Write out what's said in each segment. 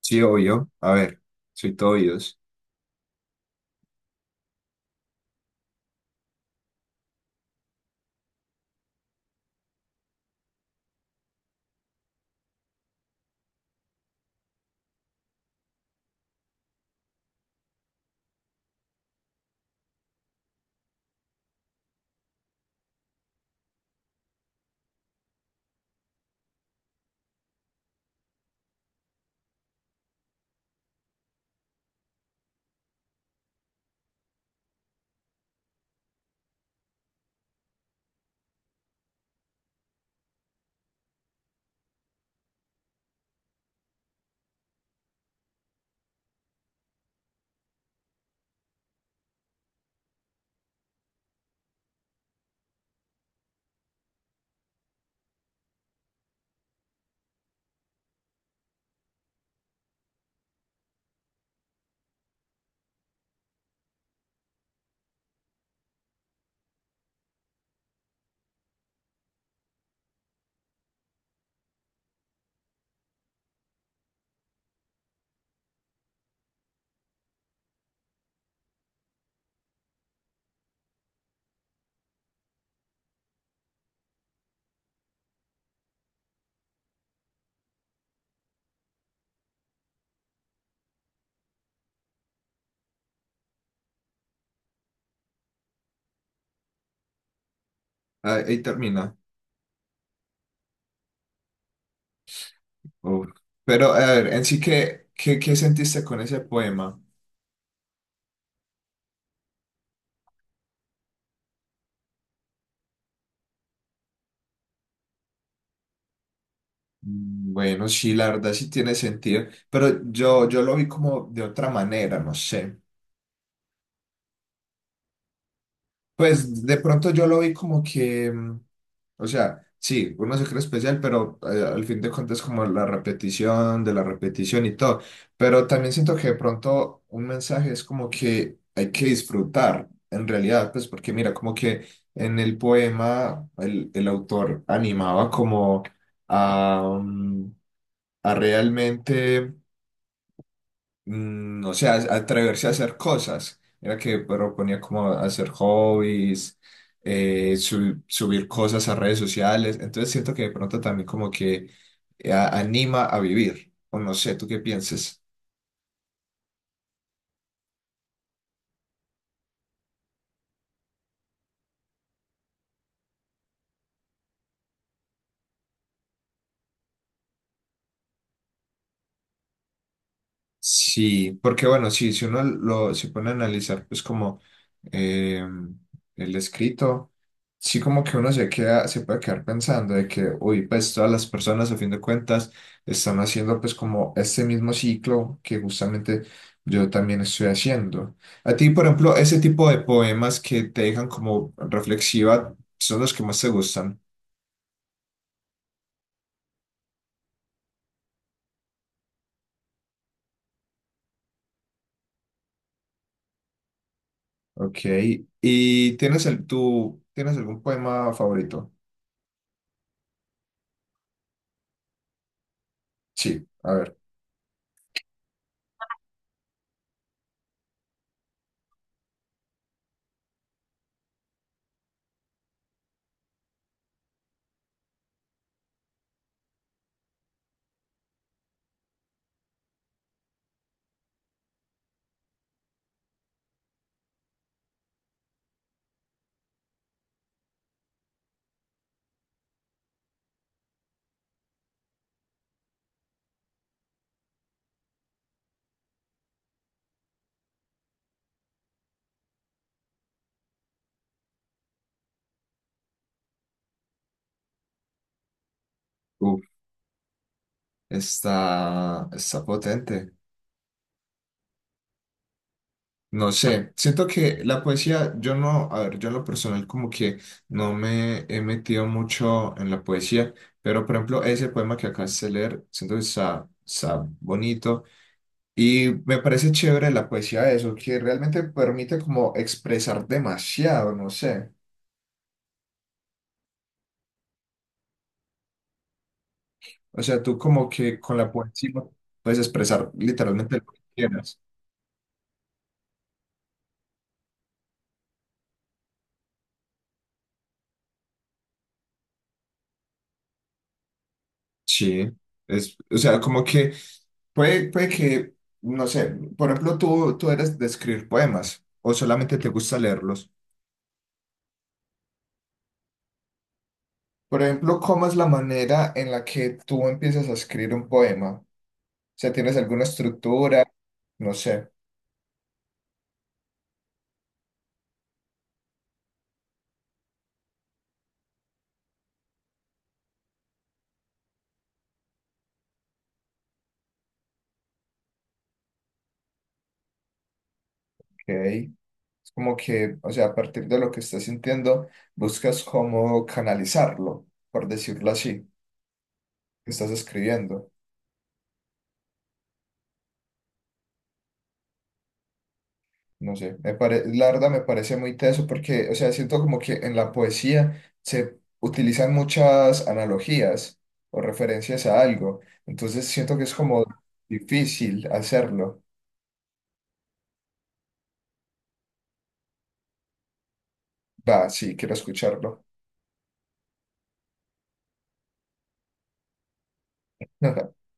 Sí, obvio. A ver, soy todo oídos. Ah, ahí termina. Uf. Pero, a ver, en sí, ¿qué sentiste con ese poema? Mm, bueno, sí, la verdad sí tiene sentido, pero yo lo vi como de otra manera, no sé. Pues de pronto yo lo vi como que, o sea, sí, uno se cree especial, pero al fin de cuentas como la repetición de la repetición y todo. Pero también siento que de pronto un mensaje es como que hay que disfrutar, en realidad, pues porque mira, como que en el poema el autor animaba como a, a realmente no sé, atreverse a hacer cosas. Era que proponía como hacer hobbies, subir cosas a redes sociales. Entonces siento que de pronto también como que anima a vivir. O no sé, ¿tú qué piensas? Sí, porque bueno, sí, si uno lo se pone a analizar, pues como eh, el escrito, sí como que uno se queda, se puede quedar pensando de que, uy, pues todas las personas a fin de cuentas están haciendo pues como este mismo ciclo que justamente yo también estoy haciendo. A ti, por ejemplo, ese tipo de poemas que te dejan como reflexiva son los que más te gustan. Ok, ¿y tienes tú, tienes algún poema favorito? Sí, a ver. Está, está potente. No sé, siento que la poesía, yo no, a ver, yo en lo personal como que no me he metido mucho en la poesía, pero por ejemplo ese poema que acabas de leer, siento que está, está bonito y me parece chévere la poesía de eso, que realmente permite como expresar demasiado, no sé. O sea, tú como que con la poesía puedes expresar literalmente lo que quieras. Sí, es, o sea, como que puede que, no sé, por ejemplo, tú eres de escribir poemas o solamente te gusta leerlos. Por ejemplo, ¿cómo es la manera en la que tú empiezas a escribir un poema? O sea, ¿tienes alguna estructura? No sé, ok. Es como que, o sea, a partir de lo que estás sintiendo, buscas cómo canalizarlo, por decirlo así, que estás escribiendo. No sé, la verdad me parece muy teso porque, o sea, siento como que en la poesía se utilizan muchas analogías o referencias a algo, entonces siento que es como difícil hacerlo. Va, sí, quiero escucharlo.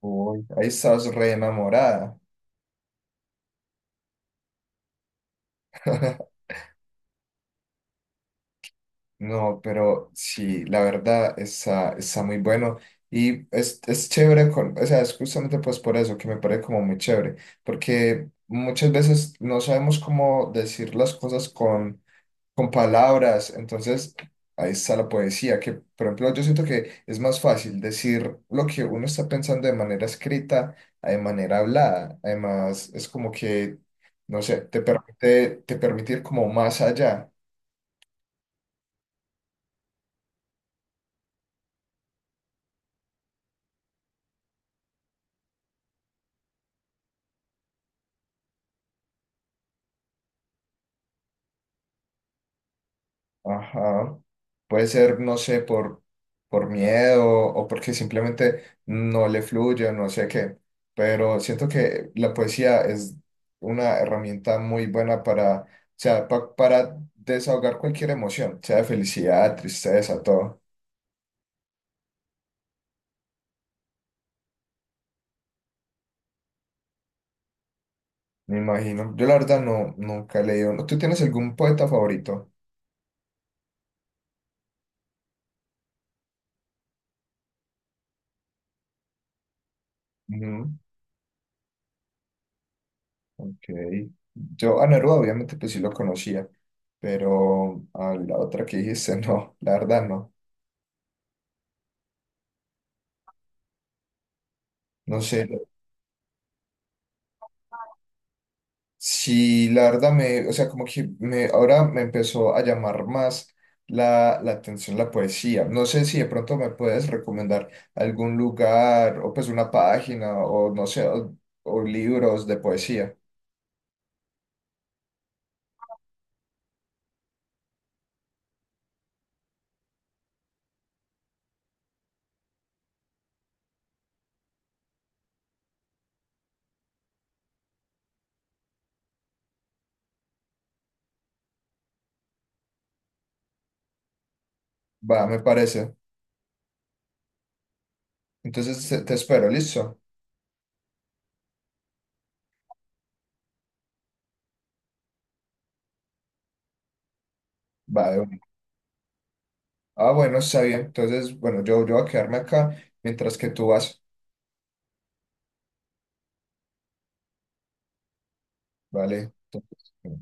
Uy, ahí estás re enamorada. No, pero sí, la verdad está, está muy bueno y es chévere, con, o sea, es justamente pues por eso que me parece como muy chévere, porque muchas veces no sabemos cómo decir las cosas con palabras, entonces ahí está la poesía, que por ejemplo yo siento que es más fácil decir lo que uno está pensando de manera escrita a de manera hablada, además es como que, no sé, te permite ir como más allá. Ajá. Puede ser, no sé, por miedo o porque simplemente no le fluye, no sé qué. Pero siento que la poesía es una herramienta muy buena para, o sea, para desahogar cualquier emoción, sea de felicidad, tristeza, todo. Me imagino. Yo la verdad no, nunca he leído. ¿Tú tienes algún poeta favorito? Ujú, ok. Yo a Neruda obviamente pues sí lo conocía, pero a la otra que dijiste, no, la verdad no. No sé. Sí, la verdad me, o sea, como que me, ahora me empezó a llamar más la atención la poesía. No sé si de pronto me puedes recomendar algún lugar o pues una página o no sé, o libros de poesía. Va, me parece. Entonces te espero, ¿listo? Va, de una. Ah, bueno, está bien. Entonces, bueno, yo voy a quedarme acá mientras que tú vas. Vale. Entonces,